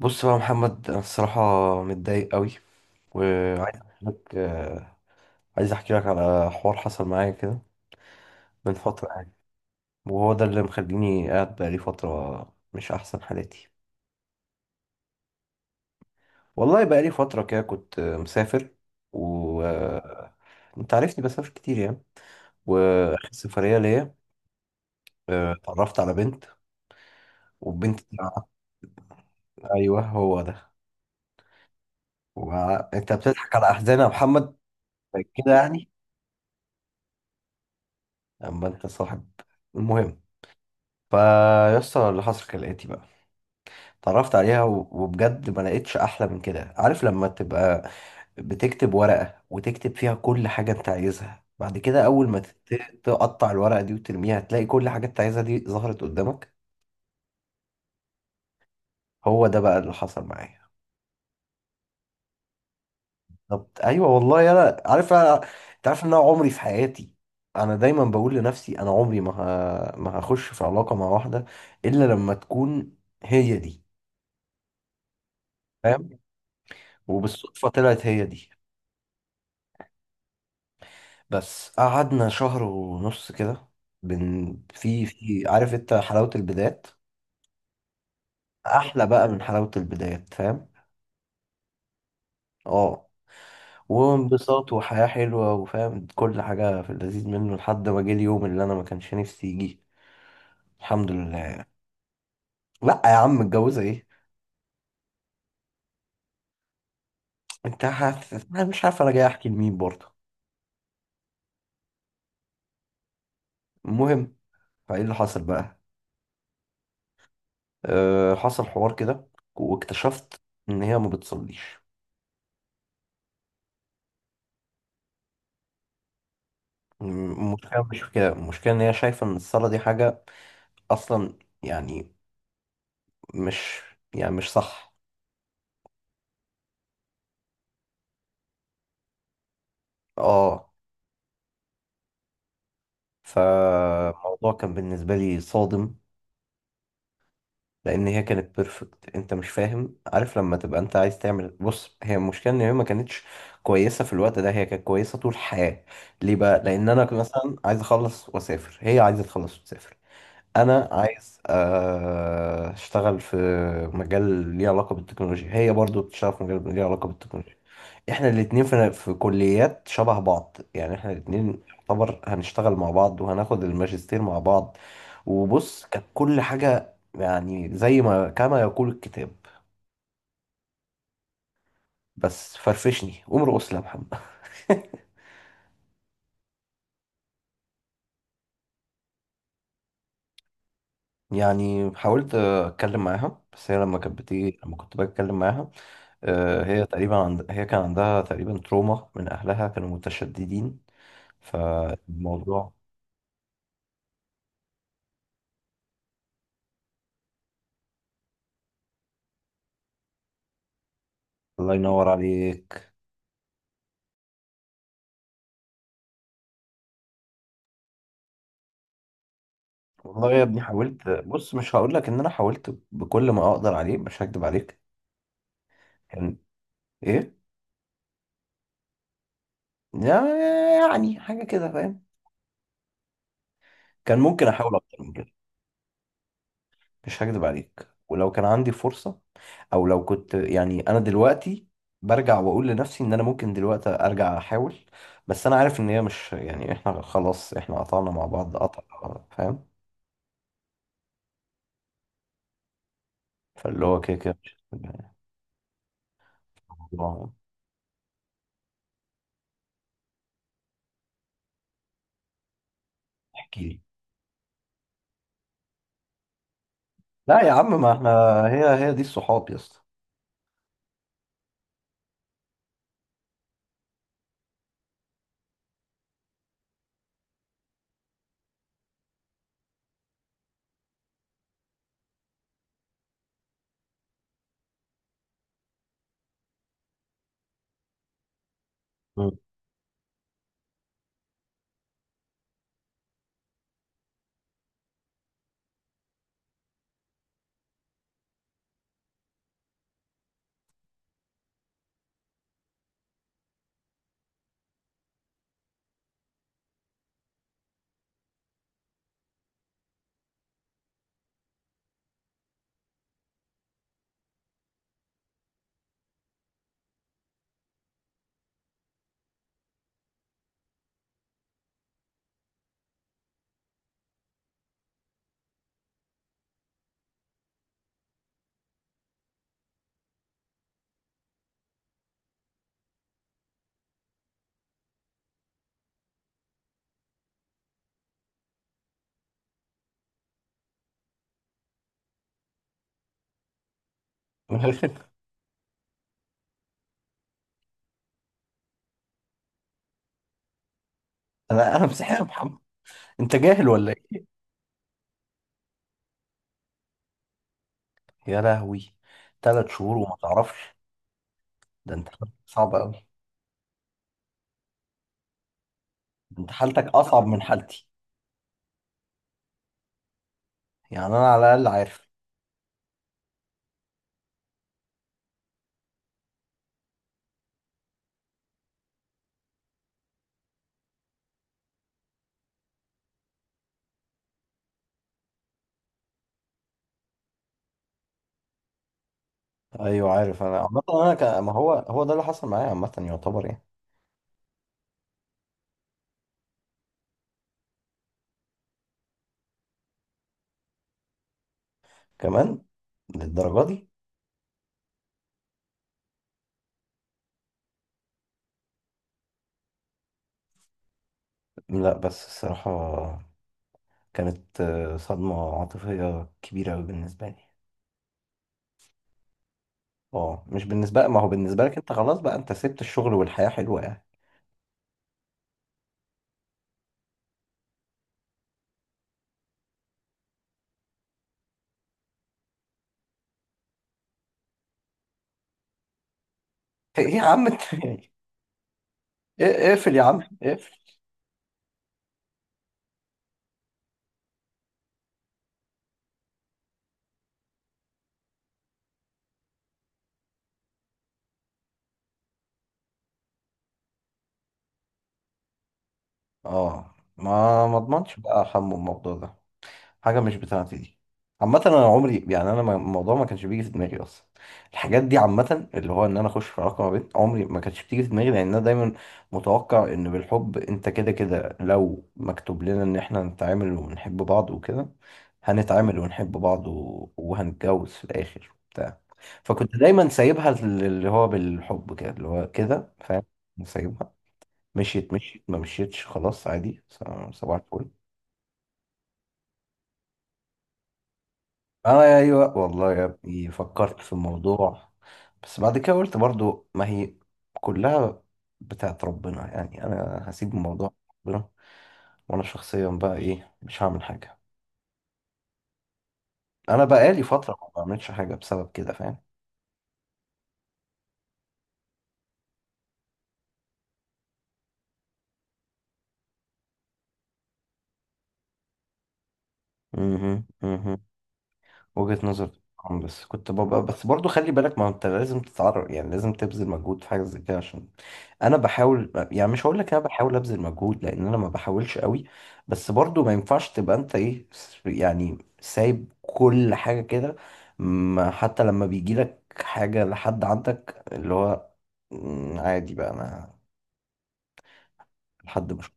بص بقى يا محمد، انا الصراحه متضايق قوي وعايز احكي لك عايز احكي لك على حوار حصل معايا كده من فتره يعني. وهو ده اللي مخليني قاعد بقالي فتره مش احسن حالاتي. والله بقالي فتره كده كنت مسافر و انت عارفني بسافر كتير يعني. واخر سفريه ليا اتعرفت على بنت، والبنت دي ايوه هو ده. انت بتضحك على احزاني يا محمد، كده يعني، اما انت صاحب. المهم، فيسطا اللي حصل كالآتي بقى. اتعرفت عليها وبجد ما لقيتش احلى من كده. عارف لما تبقى بتكتب ورقة وتكتب فيها كل حاجة انت عايزها، بعد كده اول ما تقطع الورقة دي وترميها، تلاقي كل حاجة انت عايزها دي ظهرت قدامك. هو ده بقى اللي حصل معايا. بالظبط، ايوه والله انا عارف. انا انت عارف ان انا عمري في حياتي، انا دايما بقول لنفسي انا عمري ما هخش في علاقة مع واحدة الا لما تكون هي دي. فاهم وبالصدفة طلعت هي دي. بس قعدنا شهر ونص كده. بن في في عارف انت حلاوة البدايات، احلى بقى من حلاوة البدايات، فاهم؟ اه. وانبساط وحياة حلوة وفاهم كل حاجة في اللذيذ منه لحد ما جه اليوم اللي انا ما كانش نفسي يجي. الحمد لله. لا يا عم، متجوزة ايه! أنا مش عارف انا جاي احكي لمين برضه. المهم، فايه اللي حصل بقى. أه، حصل حوار كده واكتشفت ان هي ما بتصليش. م- المشكلة مش في كده، المشكلة ان هي شايفة ان الصلاة دي حاجة اصلا، يعني مش، يعني مش صح. اه. فالموضوع كان بالنسبه لي صادم، لان هي كانت بيرفكت. انت مش فاهم؟ عارف لما تبقى انت عايز تعمل، بص، هي المشكله ان هي ما كانتش كويسه في الوقت ده، هي كانت كويسه طول الحياه. ليه بقى؟ لان انا كنت مثلا عايز اخلص واسافر، هي عايزه تخلص وتسافر. انا عايز اشتغل في مجال ليه علاقه بالتكنولوجيا، هي برضو بتشتغل في مجال ليه علاقه بالتكنولوجيا. احنا الاتنين في كليات شبه بعض، يعني احنا الاتنين يعتبر هنشتغل مع بعض وهناخد الماجستير مع بعض. وبص، كانت كل حاجة يعني زي ما كما يقول الكتاب. بس فرفشني قوم ارقص لي يا محمد. يعني حاولت اتكلم معاها، بس هي لما كانت بتيجي، لما كنت بتكلم معاها هي تقريبا هي كان عندها تقريبا تروما من اهلها، كانوا متشددين. فالموضوع. الله ينور عليك. والله يا ابني حاولت، بص مش هقول لك ان انا حاولت بكل ما اقدر عليه، مش هكدب عليك. كان ايه؟ يعني حاجه كده فاهم. كان ممكن احاول اكتر من كده. مش هكدب عليك، ولو كان عندي فرصه، او لو كنت يعني انا دلوقتي برجع واقول لنفسي ان انا ممكن دلوقتي ارجع احاول. بس انا عارف ان هي مش، يعني احنا خلاص، احنا قطعنا مع بعض قطع. فاهم. فاللي هو كده كده مش الموضوع. احكي لي. لا يا عم، ما احنا هي هي دي الصحاب يا اسطى. مم. انا انا مسيحي يا محمد. انت جاهل ولا ايه؟ يا لهوي، 3 شهور وما تعرفش؟ ده انت حالتك صعبه قوي. انت حالتك اصعب من حالتي، يعني انا على الاقل عارف. ايوه عارف. انا عامه انا ما هو هو ده اللي حصل معايا عامه يعتبر يعني. كمان للدرجه دي؟ لا بس الصراحه كانت صدمه عاطفيه كبيره قوي بالنسبه لي. اه مش بالنسبه، ما هو بالنسبه لك انت خلاص بقى، انت سبت الشغل والحياه حلوه يعني. ايه يا عم انت ايه- اقفل يا عم اقفل. اه، ما اضمنش بقى حمو الموضوع ده. حاجه مش بتاعتي دي. عامه انا عمري يعني انا الموضوع ما كانش بيجي في دماغي اصلا. الحاجات دي عامه اللي هو ان انا اخش في علاقه ما بين عمري ما كانتش بتيجي في دماغي، لان انا دايما متوقع ان بالحب انت كده كده لو مكتوب لنا ان احنا نتعامل ونحب بعض وكده هنتعامل ونحب بعض وهنتجوز في الاخر بتاع. فكنت دايما سايبها اللي هو بالحب كده اللي هو كده فاهم. سايبها، مشيت مشيت، ما مشيتش خلاص عادي صباح الفل. اه ايوه والله يا ابني فكرت في الموضوع. بس بعد كده قلت برضو ما هي كلها بتاعت ربنا، يعني انا هسيب الموضوع ربنا، وانا شخصيا بقى ايه مش هعمل حاجه. انا بقالي فتره ما بعملش حاجه بسبب كده فاهم. مهم، مهم. وجهة نظر. طبعاً، بس كنت ببقى، بس برضو خلي بالك، ما انت لازم تتعرف، يعني لازم تبذل مجهود في حاجة زي كده عشان. انا بحاول، يعني مش هقول لك انا بحاول ابذل مجهود، لان انا ما بحاولش قوي. بس برضو ما ينفعش تبقى انت ايه، يعني سايب كل حاجة كده. ما- حتى لما بيجي لك حاجة لحد عندك اللي هو مم، عادي بقى. انا لحد مش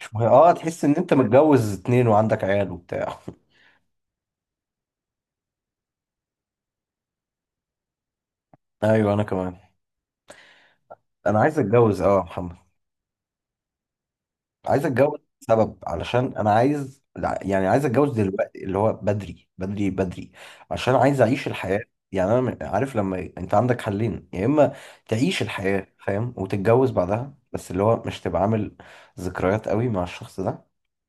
مش مهم. اه، تحس ان انت متجوز اتنين وعندك عيال وبتاع. ايوه انا كمان. انا عايز اتجوز اه محمد. عايز اتجوز سبب علشان انا عايز، لا، يعني عايز اتجوز دلوقتي اللي هو بدري بدري بدري. عشان عايز اعيش الحياة. يعني انا عارف لما انت عندك حلين، يا اما تعيش الحياة فاهم وتتجوز بعدها، بس اللي هو مش تبقى عامل ذكريات قوي مع الشخص ده،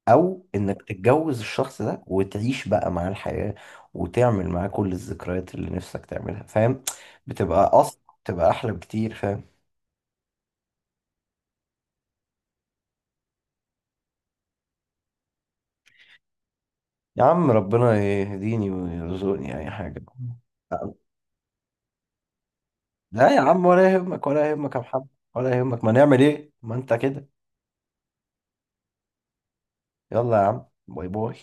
او انك تتجوز الشخص ده وتعيش بقى معاه الحياة وتعمل معاه كل الذكريات اللي نفسك تعملها فاهم. بتبقى اصلا، بتبقى احلى بكتير فاهم. يا عم ربنا يهديني ويرزقني اي حاجة. لا يا عم ولا يهمك، ولا يهمك يا محمد، ولا يهمك، ما نعمل ايه، ما انت كده. يلا يا عم، باي باي.